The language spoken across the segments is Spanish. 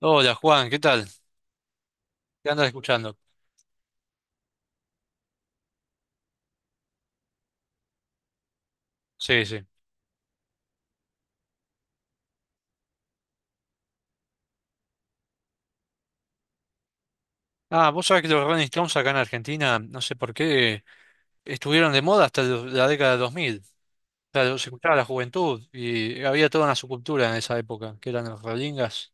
Hola Juan, ¿qué tal? ¿Qué andas escuchando? Sí, sí. Ah, vos sabés que los Rolling Stones acá en Argentina, no sé por qué, estuvieron de moda hasta la década de 2000. O sea, los escuchaba la juventud y había toda una subcultura en esa época, que eran los Rollingas.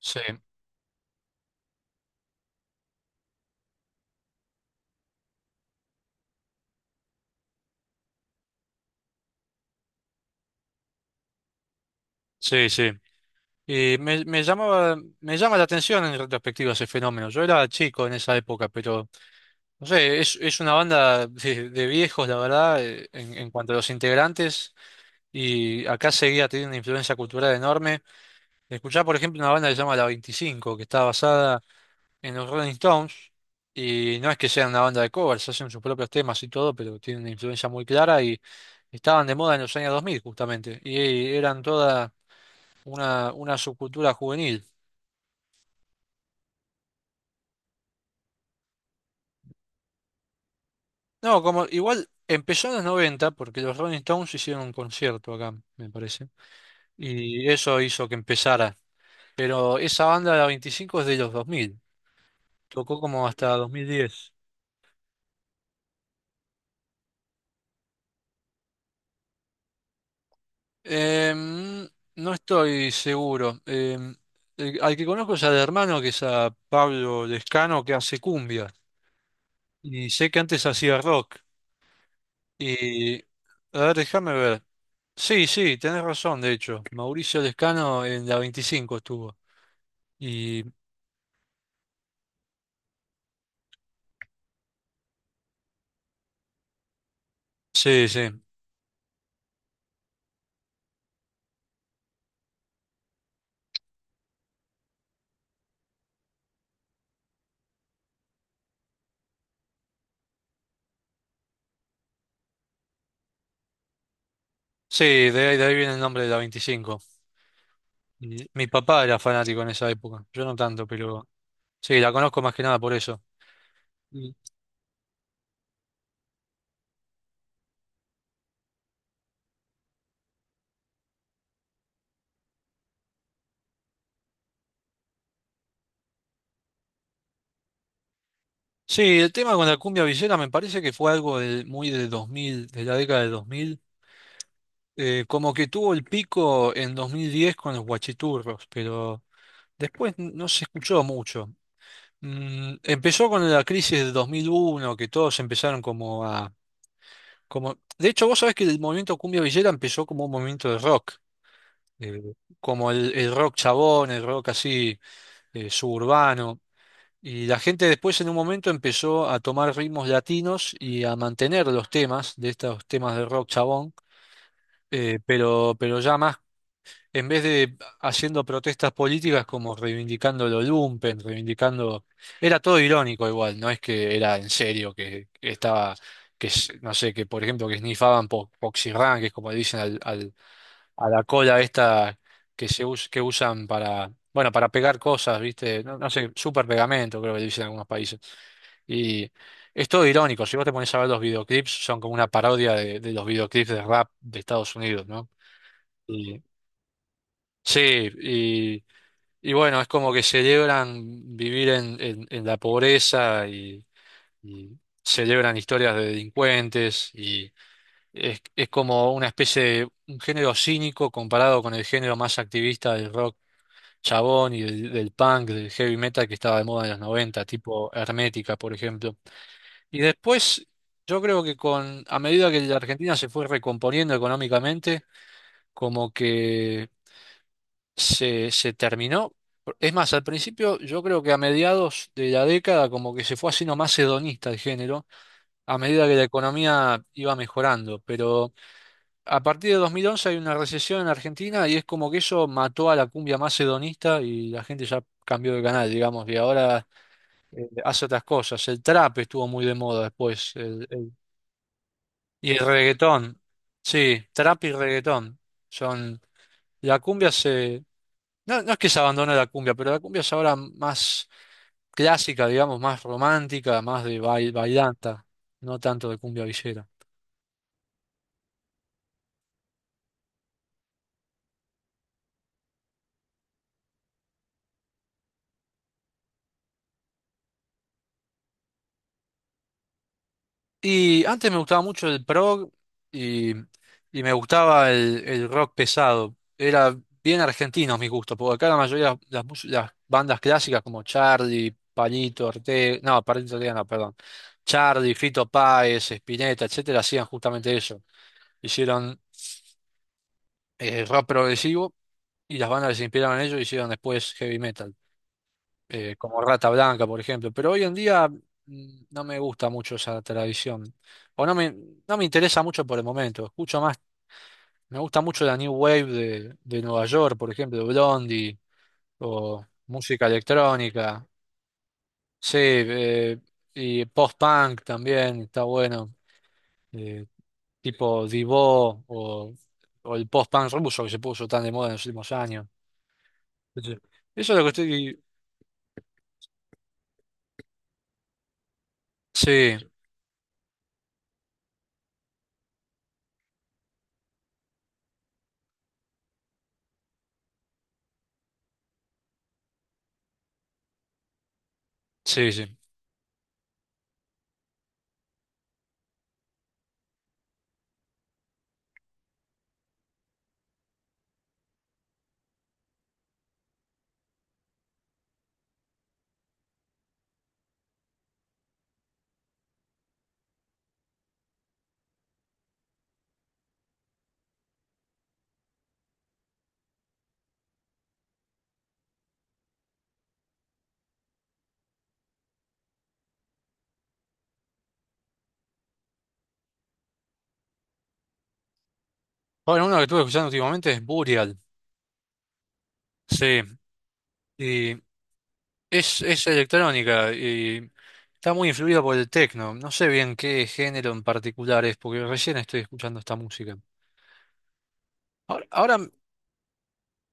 Sí, sí, sí. Y me llama la atención en retrospectiva ese fenómeno. Yo era chico en esa época, pero no sé, es una banda de viejos, la verdad, en cuanto a los integrantes, y acá seguía teniendo una influencia cultural enorme. Escuchar, por ejemplo, una banda que se llama La 25, que está basada en los Rolling Stones, y no es que sean una banda de covers, hacen sus propios temas y todo, pero tienen una influencia muy clara y estaban de moda en los años 2000, justamente, y eran toda una subcultura juvenil. No, como igual empezó en los 90, porque los Rolling Stones hicieron un concierto acá, me parece, y eso hizo que empezara, pero esa banda La 25 es de los 2000, tocó como hasta 2010. Em, no estoy seguro. Al que conozco es al hermano, que es a Pablo Lescano, que hace cumbia. Y sé que antes hacía rock. Y, a ver, déjame ver. Sí, sí, tenés razón, de hecho. Mauricio Lescano en la 25 estuvo. Y sí, sí. Sí, de ahí viene el nombre de la 25. Y mi papá era fanático en esa época. Yo no tanto, pero sí, la conozco más que nada por eso. Sí, el tema con la cumbia villera me parece que fue algo muy de 2000, de la década de 2000, como que tuvo el pico en 2010 con los guachiturros, pero después no se escuchó mucho. Empezó con la crisis de 2001, que todos empezaron como a... Como... De hecho, vos sabés que el movimiento cumbia villera empezó como un movimiento de rock, eh, como el rock chabón, el rock así suburbano. Y la gente después en un momento empezó a tomar ritmos latinos y a mantener los temas de estos temas de rock chabón, pero ya más, en vez de haciendo protestas políticas como reivindicando lo lumpen, reivindicando... Era todo irónico igual, no es que era en serio, que estaba, que no sé, que por ejemplo que snifaban po poxirrán, que es como le dicen a la cola esta que que usan para, bueno, para pegar cosas, ¿viste? No, no sé, super pegamento creo que le dicen en algunos países. Y es todo irónico, si vos te pones a ver los videoclips, son como una parodia de los videoclips de rap de Estados Unidos, ¿no? Y, sí, y bueno, es como que celebran vivir en, en la pobreza y celebran historias de delincuentes y es como una especie de un género cínico comparado con el género más activista del rock chabón y del punk, del heavy metal que estaba de moda en los 90 tipo Hermética, por ejemplo. Y después, yo creo que con, a medida que la Argentina se fue recomponiendo económicamente, como que se terminó. Es más, al principio, yo creo que a mediados de la década, como que se fue haciendo más hedonista el género, a medida que la economía iba mejorando. Pero a partir de 2011 hay una recesión en Argentina y es como que eso mató a la cumbia más hedonista y la gente ya cambió de canal, digamos, y ahora hace otras cosas. El trap estuvo muy de moda después. Y reggaetón, sí, trap y reggaetón son... La cumbia se... No, no es que se abandone la cumbia, pero la cumbia es ahora más clásica, digamos, más romántica, más de bailanta, no tanto de cumbia villera. Y antes me gustaba mucho el prog y, y me gustaba el rock pesado. Era bien argentinos mis gustos, porque acá la mayoría de las bandas clásicas como Charlie, Palito Ortega no, perdón. Charlie, Fito Páez, Spinetta, etcétera, hacían justamente eso. Hicieron rock progresivo y las bandas que se inspiraron en ello hicieron después heavy metal como Rata Blanca, por ejemplo. Pero hoy en día no me gusta mucho esa tradición. O no me interesa mucho por el momento. Escucho más, me gusta mucho la New Wave de Nueva York, por ejemplo, Blondie, o música electrónica. Sí, y post-punk también está bueno. eh, Tipo Divo o el post-punk ruso que se puso tan de moda en los últimos años. Sí. Eso es lo que estoy... Sí, sí, sí. Bueno, uno que estuve escuchando últimamente es Burial, sí, y es electrónica y está muy influida por el techno. No sé bien qué género en particular es, porque recién estoy escuchando esta música. Ahora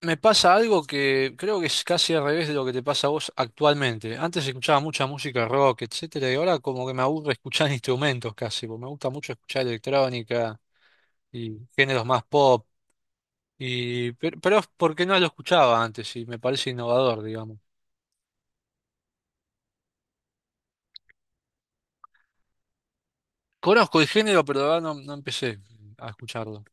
me pasa algo que creo que es casi al revés de lo que te pasa a vos actualmente. Antes escuchaba mucha música rock, etcétera, y ahora como que me aburre escuchar instrumentos casi, porque me gusta mucho escuchar electrónica y géneros más pop. Y, pero es porque no lo escuchaba antes y me parece innovador, digamos. Conozco el género, pero la verdad no empecé a escucharlo.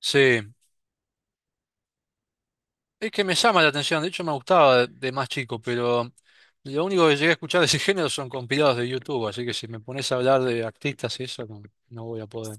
Sí, es que me llama la atención, de hecho me gustaba de más chico, pero lo único que llegué a escuchar de ese género son compilados de YouTube, así que si me pones a hablar de artistas y eso, no voy a poder.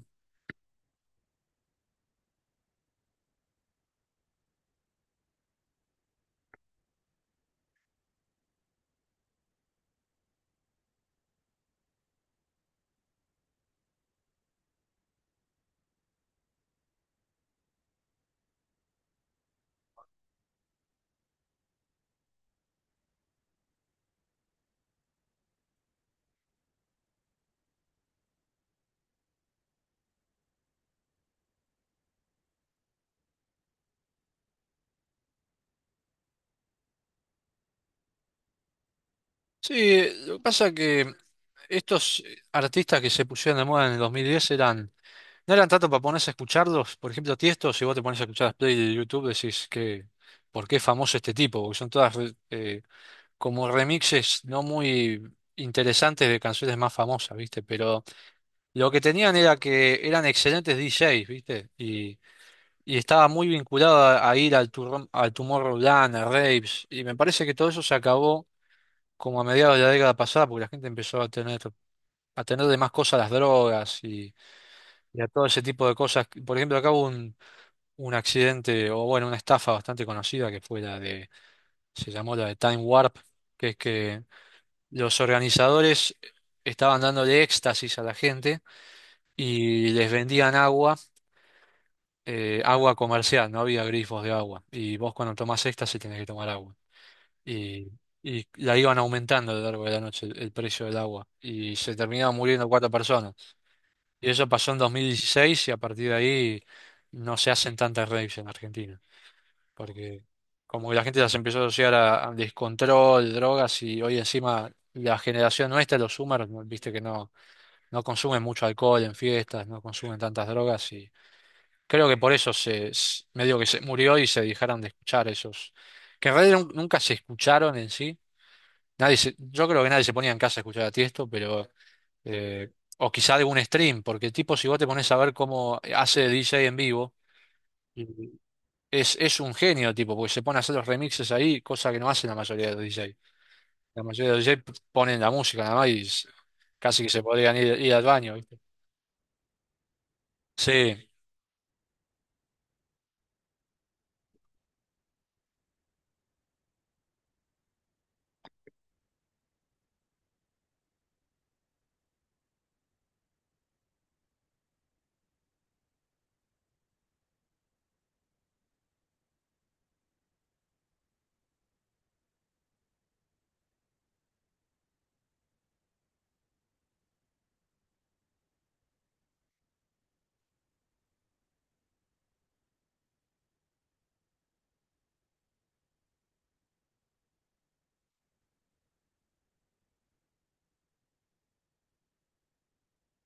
Sí, lo que pasa que estos artistas que se pusieron de moda en el 2010 eran, no eran tanto para ponerse a escucharlos, por ejemplo, Tiesto, si vos te pones a escuchar las playlists de YouTube decís que, ¿por qué es famoso este tipo? Porque son todas eh, como remixes no muy interesantes de canciones más famosas, ¿viste? Pero lo que tenían era que eran excelentes DJs, ¿viste? Y estaba muy vinculado a ir al Tomorrowland, a raves, y me parece que todo eso se acabó como a mediados de la década pasada, porque la gente empezó a tener de más cosas las drogas y, a todo ese tipo de cosas. Por ejemplo, acá hubo un accidente, o bueno, una estafa bastante conocida que se llamó la de Time Warp, que es que los organizadores estaban dándole éxtasis a la gente y les vendían agua, agua comercial, no había grifos de agua. Y vos cuando tomás éxtasis tenés que tomar agua. Y, y la iban aumentando a lo largo de la noche el precio del agua. Y se terminaban muriendo cuatro personas. Y eso pasó en 2016 y a partir de ahí no se hacen tantas raves en Argentina. Porque como que la gente las empezó a asociar a descontrol, drogas y hoy encima la generación nuestra, los Zoomers, viste que no. No consumen mucho alcohol en fiestas, no consumen tantas drogas y creo que por eso medio que se murió y se dejaron de escuchar esos, que en realidad nunca se escucharon en sí. Nadie se- Yo creo que nadie se ponía en casa a escuchar a Tiesto, pero eh, o quizá algún stream, porque tipo si vos te pones a ver cómo hace DJ en vivo, y es un genio tipo, porque se pone a hacer los remixes ahí, cosa que no hacen la mayoría de los DJ. La mayoría de los DJ ponen la música nada más y casi que se podrían ir al baño, ¿viste? Sí,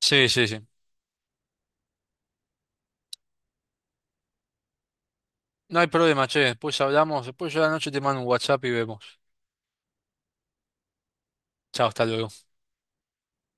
sí, sí, sí. No hay problema, che. Después hablamos. Después yo a la noche te mando un WhatsApp y vemos. Chao, hasta luego.